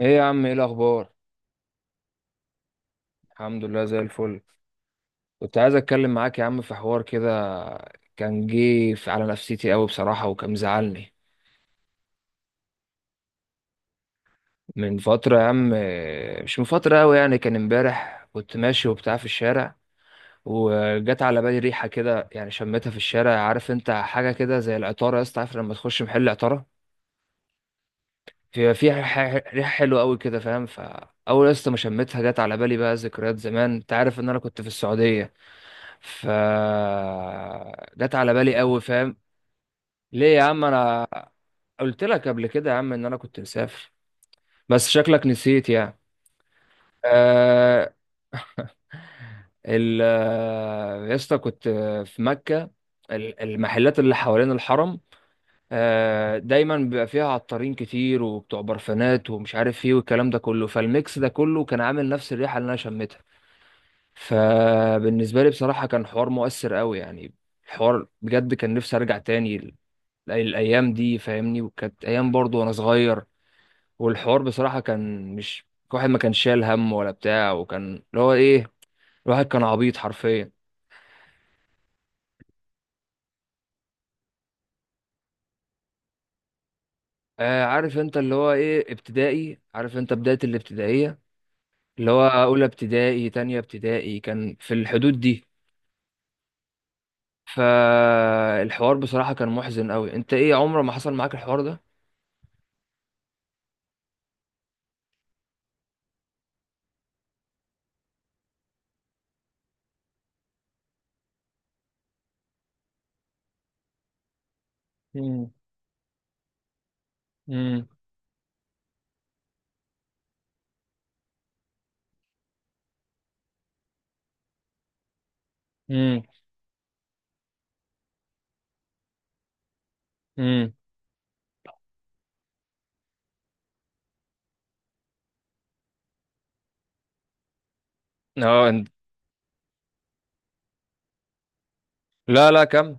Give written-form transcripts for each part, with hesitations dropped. ايه يا عم، ايه الاخبار؟ الحمد لله، زي الفل. كنت عايز اتكلم معاك يا عم في حوار كده. كان جه على نفسيتي قوي بصراحه، وكان مزعلني من فتره يا عم، مش من فتره قوي يعني. كان امبارح كنت ماشي وبتاع في الشارع، وجت على بالي ريحه كده، يعني شميتها في الشارع. عارف انت حاجه كده زي العطاره يا اسطى؟ عارف لما تخش محل عطاره في فيها ريحه حلوه قوي كده فاهم؟ فاول يا اسطى ما شميتها جت على بالي بقى ذكريات زمان. انت عارف ان انا كنت في السعوديه. ف جت على بالي قوي، فاهم؟ ليه يا عم؟ انا قلت لك قبل كده يا عم ان انا كنت مسافر، بس شكلك نسيت يعني. آه. ال آه، يا اسطى، كنت في مكة. المحلات اللي حوالين الحرم دايما بيبقى فيها عطارين كتير وبتوع برفانات ومش عارف ايه، والكلام ده كله. فالميكس ده كله كان عامل نفس الريحة اللي انا شميتها. فبالنسبة لي بصراحة كان حوار مؤثر قوي يعني. الحوار بجد كان نفسي ارجع تاني الايام دي فاهمني. وكانت ايام برضو وانا صغير. والحوار بصراحه كان مش، الواحد ما كان شايل هم ولا بتاع، وكان اللي هو ايه، الواحد كان عبيط حرفيا. آه، عارف انت اللي هو ايه، ابتدائي، عارف انت بدايه الابتدائيه، اللي هو اولى ابتدائي، تانية ابتدائي، كان في الحدود دي. فالحوار بصراحه كان محزن قوي. انت ايه، عمره ما حصل معاك الحوار ده؟ امم. امم. امم. امم. اه، لا لا كم.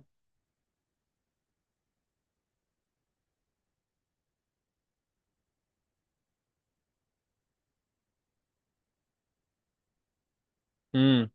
امم.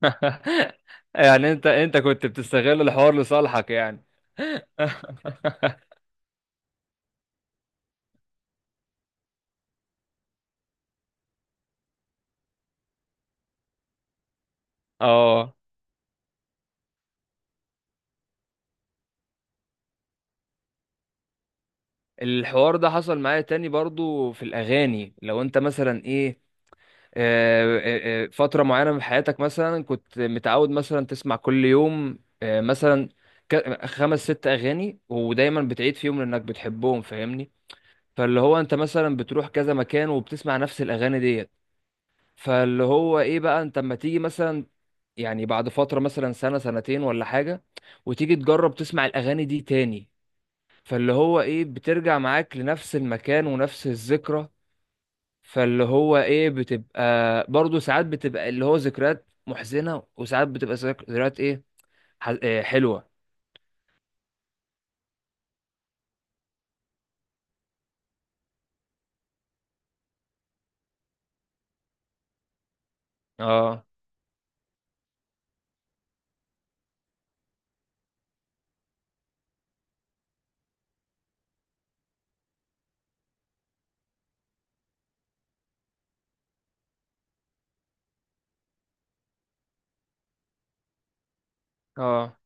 يعني انت كنت بتستغل الحوار لصالحك يعني؟ اه. الحوار ده حصل معايا تاني برضو في الاغاني. لو انت مثلا ايه، فترة معينة من حياتك، مثلا كنت متعود مثلا تسمع كل يوم، مثلا خمس ست اغاني، ودايما بتعيد فيهم لانك بتحبهم فاهمني؟ فاللي هو انت مثلا بتروح كذا مكان وبتسمع نفس الاغاني ديت. فاللي هو ايه بقى، انت اما تيجي مثلا، يعني بعد فترة مثلا سنة سنتين ولا حاجة، وتيجي تجرب تسمع الأغاني دي تاني، فاللي هو ايه، بترجع معاك لنفس المكان ونفس الذكرى. فاللي هو ايه بتبقى، برضو ساعات بتبقى اللي هو ذكريات محزنة، وساعات بتبقى ذكريات ايه، إيه، حلوة. اه. اه.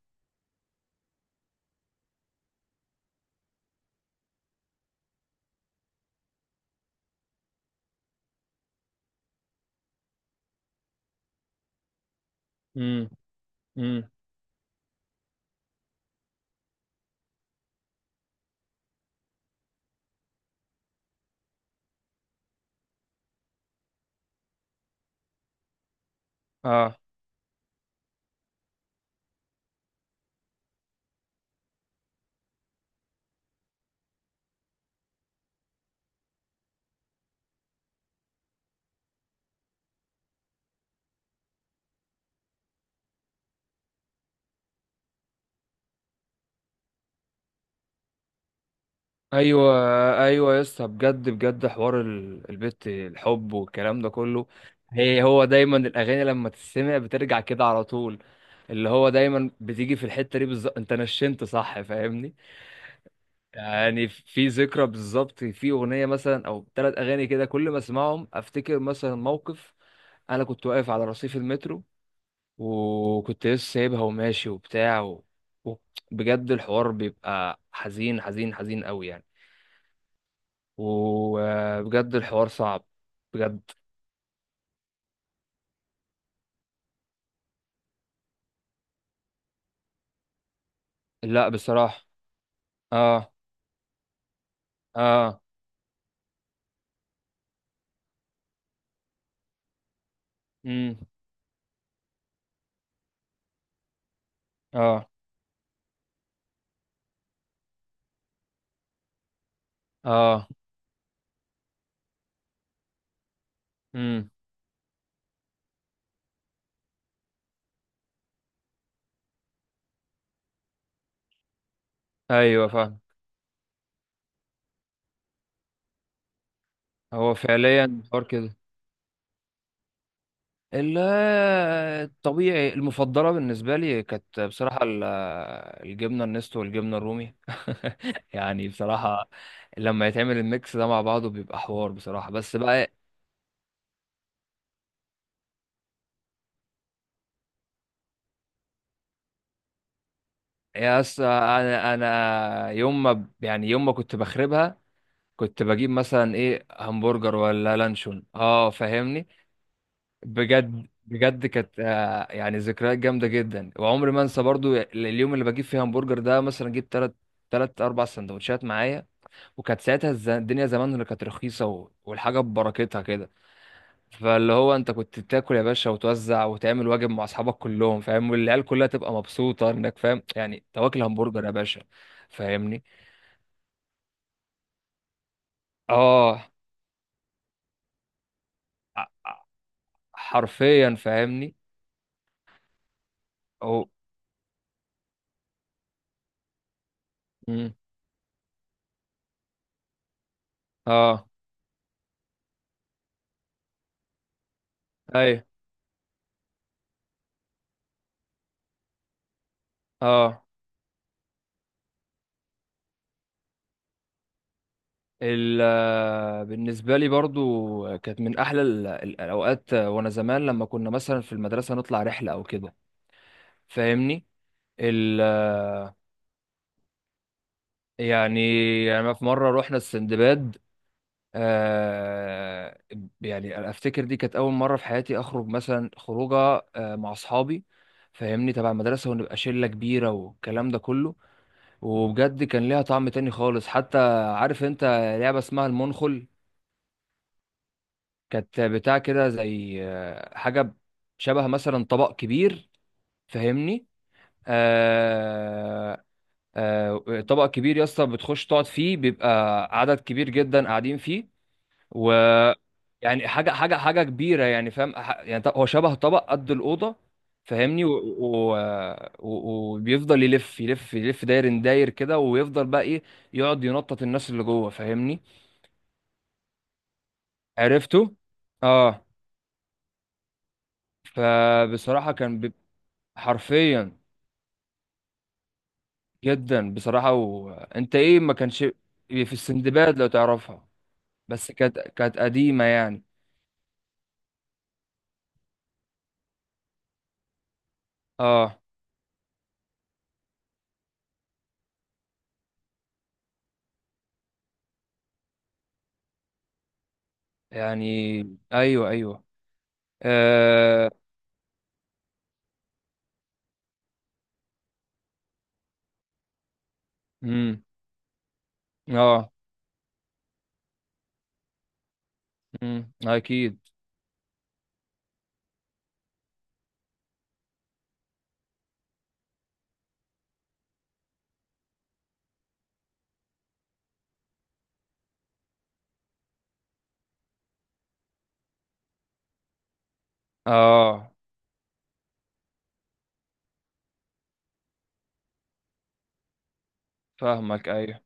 امم. امم. اه. ايوه، ايوه يا اسطى، بجد بجد، حوار البت، الحب والكلام ده كله. هو دايما الاغاني لما تسمع بترجع كده على طول. اللي هو دايما بتيجي في الحته دي بالظبط، انت نشنت، صح فاهمني؟ يعني في ذكرى بالظبط، في اغنيه مثلا او ثلاث اغاني كده، كل ما اسمعهم افتكر مثلا موقف. انا كنت واقف على رصيف المترو، وكنت لسه سايبها وماشي وبتاع و- بجد الحوار بيبقى حزين حزين حزين قوي يعني. وبجد الحوار صعب. بجد. لا، بصراحة. اه. اه. امم. اه. اه. امم. ايوه، فاهم. هو فعليا حوار كده. ال- الطبيعي المفضلة بالنسبة لي كانت بصراحة الجبنة النستو والجبنة الرومي. يعني بصراحة، لما يتعمل الميكس ده مع بعضه بيبقى حوار بصراحة، بس بقى. يا اسطى انا يوم ما يعني يوم ما كنت بخربها كنت بجيب مثلا ايه، همبرجر ولا لانشون، اه فاهمني. بجد بجد كانت يعني ذكريات جامده جدا. وعمري ما انسى برضو اليوم اللي بجيب فيه همبرجر ده، مثلا جبت تلات اربع سندوتشات معايا. وكانت ساعتها الدنيا زمان اللي كانت رخيصه والحاجه ببركتها كده. فاللي هو انت كنت تاكل يا باشا، وتوزع، وتعمل واجب مع اصحابك كلهم فاهم. والعيال كلها تبقى مبسوطه انك فاهم يعني تاكل همبرجر يا باشا فاهمني؟ اه. ع- ع- حرفيا فاهمني. مم. اه. ايوه. اه. ال آه، بالنسبه لي برضو كانت من احلى الاوقات. وانا زمان لما كنا مثلا في المدرسه نطلع رحله او كده فاهمني. ال آه، يعني في مره رحنا السندباد. آه يعني افتكر دي كانت اول مره في حياتي اخرج مثلا خروجه مع اصحابي فاهمني، تبع المدرسه، ونبقى شله كبيره والكلام ده كله. وبجد كان ليها طعم تاني خالص. حتى عارف انت لعبه اسمها المنخل؟ كانت بتاع كده زي حاجة شبه مثلا طبق كبير فاهمني. آه طبق كبير يا اسطى، بتخش تقعد فيه، بيبقى عدد كبير جدا قاعدين فيه. و يعني حاجة حاجة حاجة كبيرة، يعني فاهم، يعني هو شبه طبق قد الأوضة فاهمني، و- وبيفضل يلف يلف يلف داير داير كده، ويفضل بقى ايه، يقعد ينطط الناس اللي جوه فاهمني؟ عرفته؟ اه. فبصراحة كان حرفيا، جدا بصراحة. وانت ايه، ما كانش، في السندباد لو تعرفها، بس كانت قديمة يعني. اه، يعني، ايوه ايوه. اه. امم. اه. امم. اكيد. اه. فاهمك، ايوه.